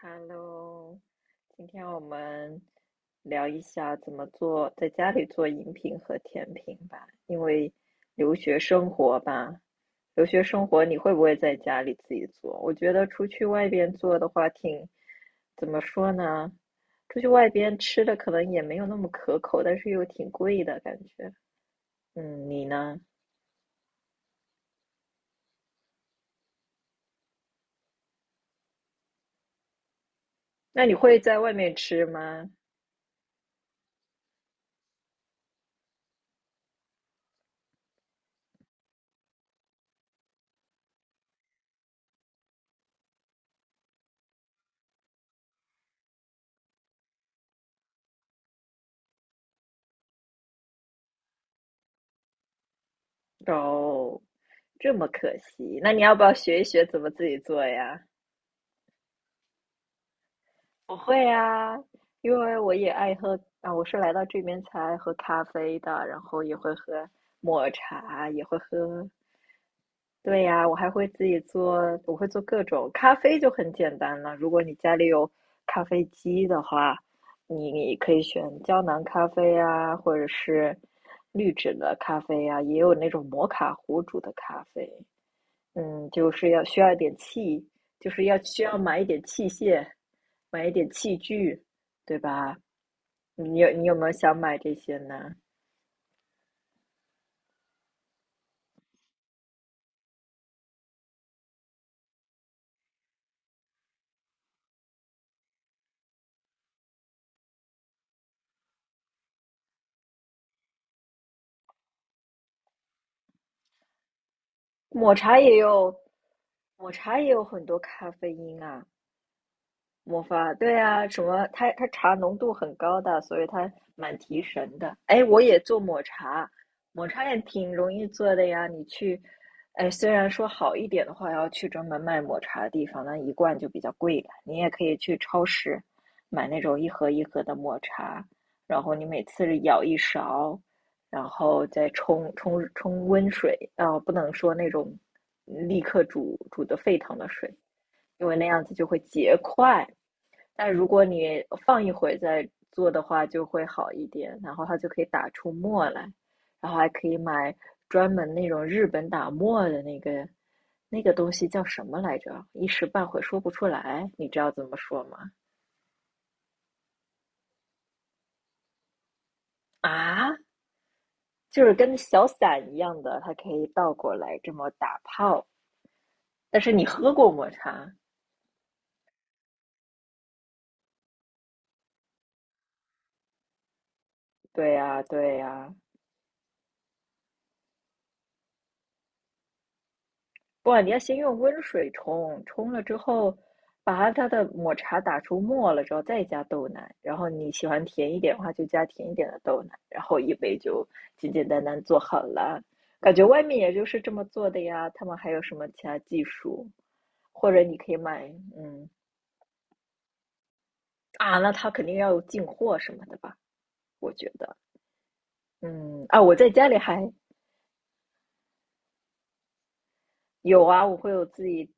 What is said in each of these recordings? Hello,今天我们聊一下怎么做，在家里做饮品和甜品吧。因为留学生活吧，留学生活你会不会在家里自己做？我觉得出去外边做的话挺，怎么说呢？出去外边吃的可能也没有那么可口，但是又挺贵的感觉。嗯，你呢？那你会在外面吃吗？哦，这么可惜。那你要不要学一学怎么自己做呀？我会啊，因为我也爱喝啊，我是来到这边才爱喝咖啡的，然后也会喝抹茶，也会喝。对呀，我还会自己做，我会做各种咖啡就很简单了。如果你家里有咖啡机的话，你可以选胶囊咖啡啊，或者是滤纸的咖啡啊，也有那种摩卡壶煮的咖啡。嗯，就是要需要一点器，就是要需要买一点器械，买一点器具，对吧？嗯你有没有想买这些呢？抹茶也有，抹茶也有很多咖啡因啊。抹法，对啊，什么？它茶浓度很高的，所以它蛮提神的。哎，我也做抹茶，抹茶也挺容易做的呀。你去，哎，虽然说好一点的话，要去专门卖抹茶的地方，那一罐就比较贵了。你也可以去超市买那种一盒一盒的抹茶，然后你每次舀一勺，然后再冲温水，啊、不能说那种立刻煮的沸腾的水，因为那样子就会结块。但如果你放一会儿再做的话，就会好一点，然后它就可以打出沫来，然后还可以买专门那种日本打沫的那个那个东西叫什么来着？一时半会说不出来，你知道怎么说吗？啊，就是跟小伞一样的，它可以倒过来这么打泡。但是你喝过抹茶？对呀，对呀，不，你要先用温水冲，冲了之后，把它的抹茶打出沫了之后，再加豆奶。然后你喜欢甜一点的话，就加甜一点的豆奶。然后一杯就简简单单做好了。感觉外面也就是这么做的呀，他们还有什么其他技术？或者你可以买，嗯啊，那他肯定要有进货什么的吧？我觉得，嗯啊，我在家里还有啊，我会有自己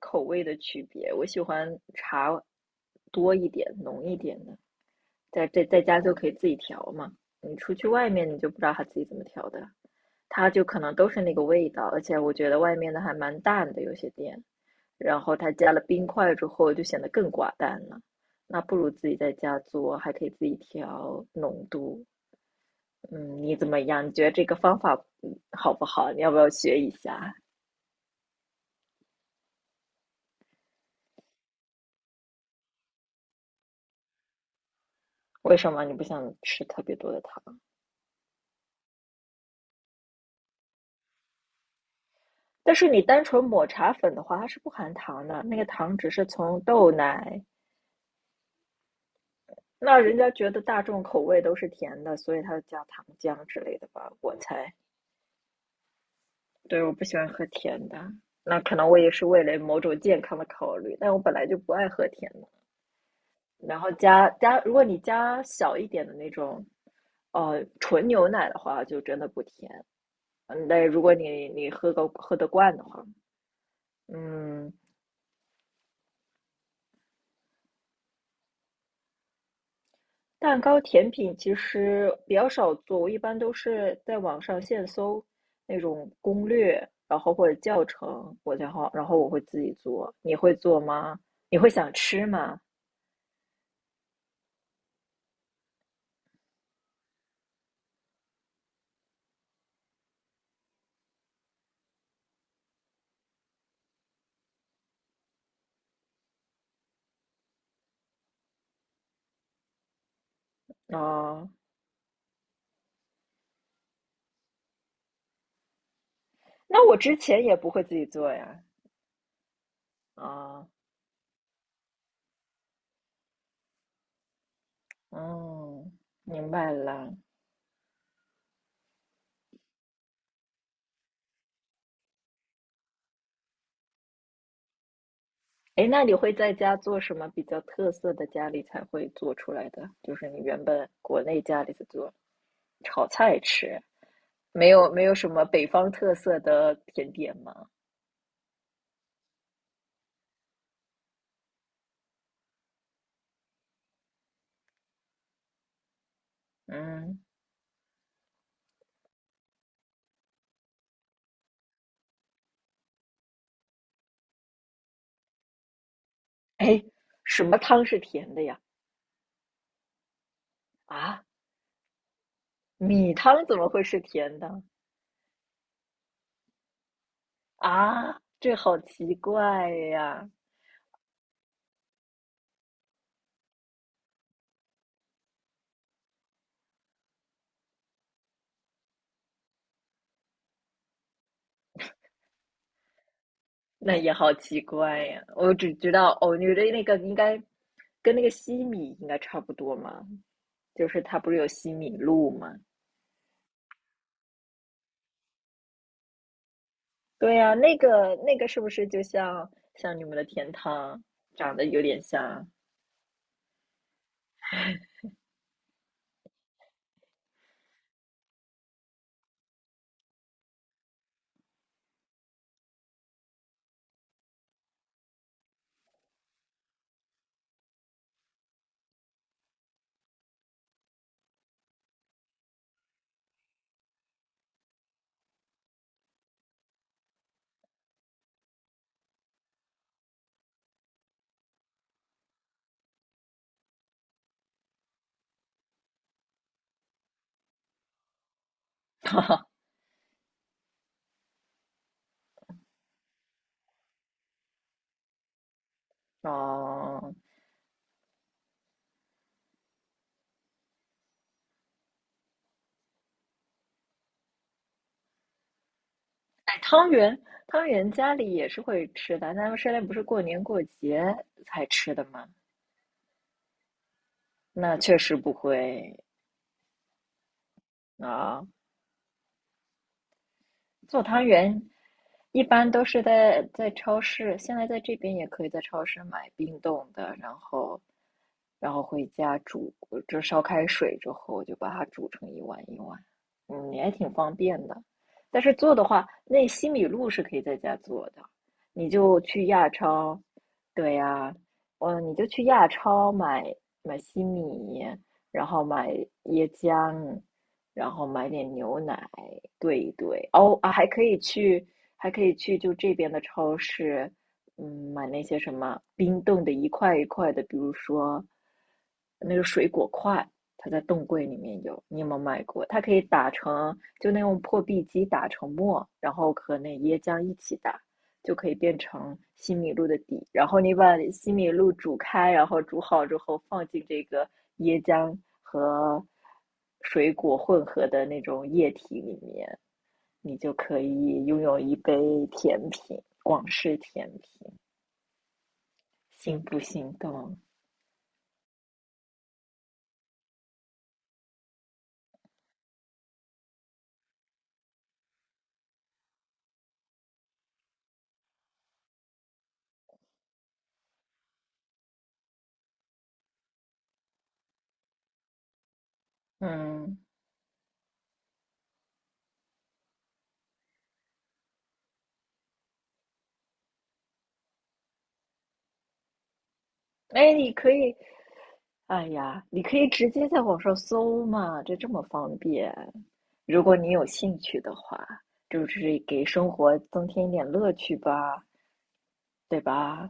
口味的区别，我喜欢茶多一点、浓一点的，在家就可以自己调嘛。你出去外面，你就不知道他自己怎么调的，它就可能都是那个味道，而且我觉得外面的还蛮淡的，有些店，然后它加了冰块之后就显得更寡淡了。那不如自己在家做，还可以自己调浓度。嗯，你怎么样？你觉得这个方法嗯好不好？你要不要学一下？为什么你不想吃特别多的糖？但是你单纯抹茶粉的话，它是不含糖的，那个糖只是从豆奶。那人家觉得大众口味都是甜的，所以它加糖浆之类的吧，我猜。对，我不喜欢喝甜的，那可能我也是为了某种健康的考虑，但我本来就不爱喝甜的。然后加，如果你加小一点的那种，纯牛奶的话，就真的不甜。嗯，但如果你喝得惯的话，嗯。蛋糕甜品其实比较少做，我一般都是在网上现搜那种攻略，然后或者教程，我然后我会自己做。你会做吗？你会想吃吗？啊、那我之前也不会自己做呀。啊、嗯，明白了。哎，那你会在家做什么比较特色的家里才会做出来的？就是你原本国内家里的做炒菜吃，没有什么北方特色的甜点吗？嗯，哎，什么汤是甜的呀？啊，米汤怎么会是甜的？啊，这好奇怪呀！那也好奇怪呀！我只知道哦，你的那个应该跟那个西米应该差不多嘛，就是它不是有西米露吗？对呀，那个是不是就像像你们的甜汤长得有点像？哦，哎，汤圆，汤圆家里也是会吃的，他们生来不是过年过节才吃的吗？那确实不会啊，做汤圆一般都是在超市，现在在这边也可以在超市买冰冻的，然后回家煮，就烧开水之后就把它煮成一碗一碗，嗯，也挺方便的。但是做的话，那西米露是可以在家做的，你就去亚超，对呀，嗯，你就去亚超买西米，然后买椰浆，然后买点牛奶兑一兑。哦啊，还可以去，还可以去就这边的超市，嗯，买那些什么冰冻的一块一块的，比如说那个水果块，它在冻柜里面有，你有没有买过？它可以打成，就那种破壁机打成沫，然后和那椰浆一起打，就可以变成西米露的底。然后你把西米露煮开，然后煮好之后放进这个椰浆和水果混合的那种液体里面，你就可以拥有一杯甜品，广式甜品，心不心动？嗯，哎，你可以，哎呀，你可以直接在网上搜嘛，这这么方便。如果你有兴趣的话，就是给生活增添一点乐趣吧。对吧？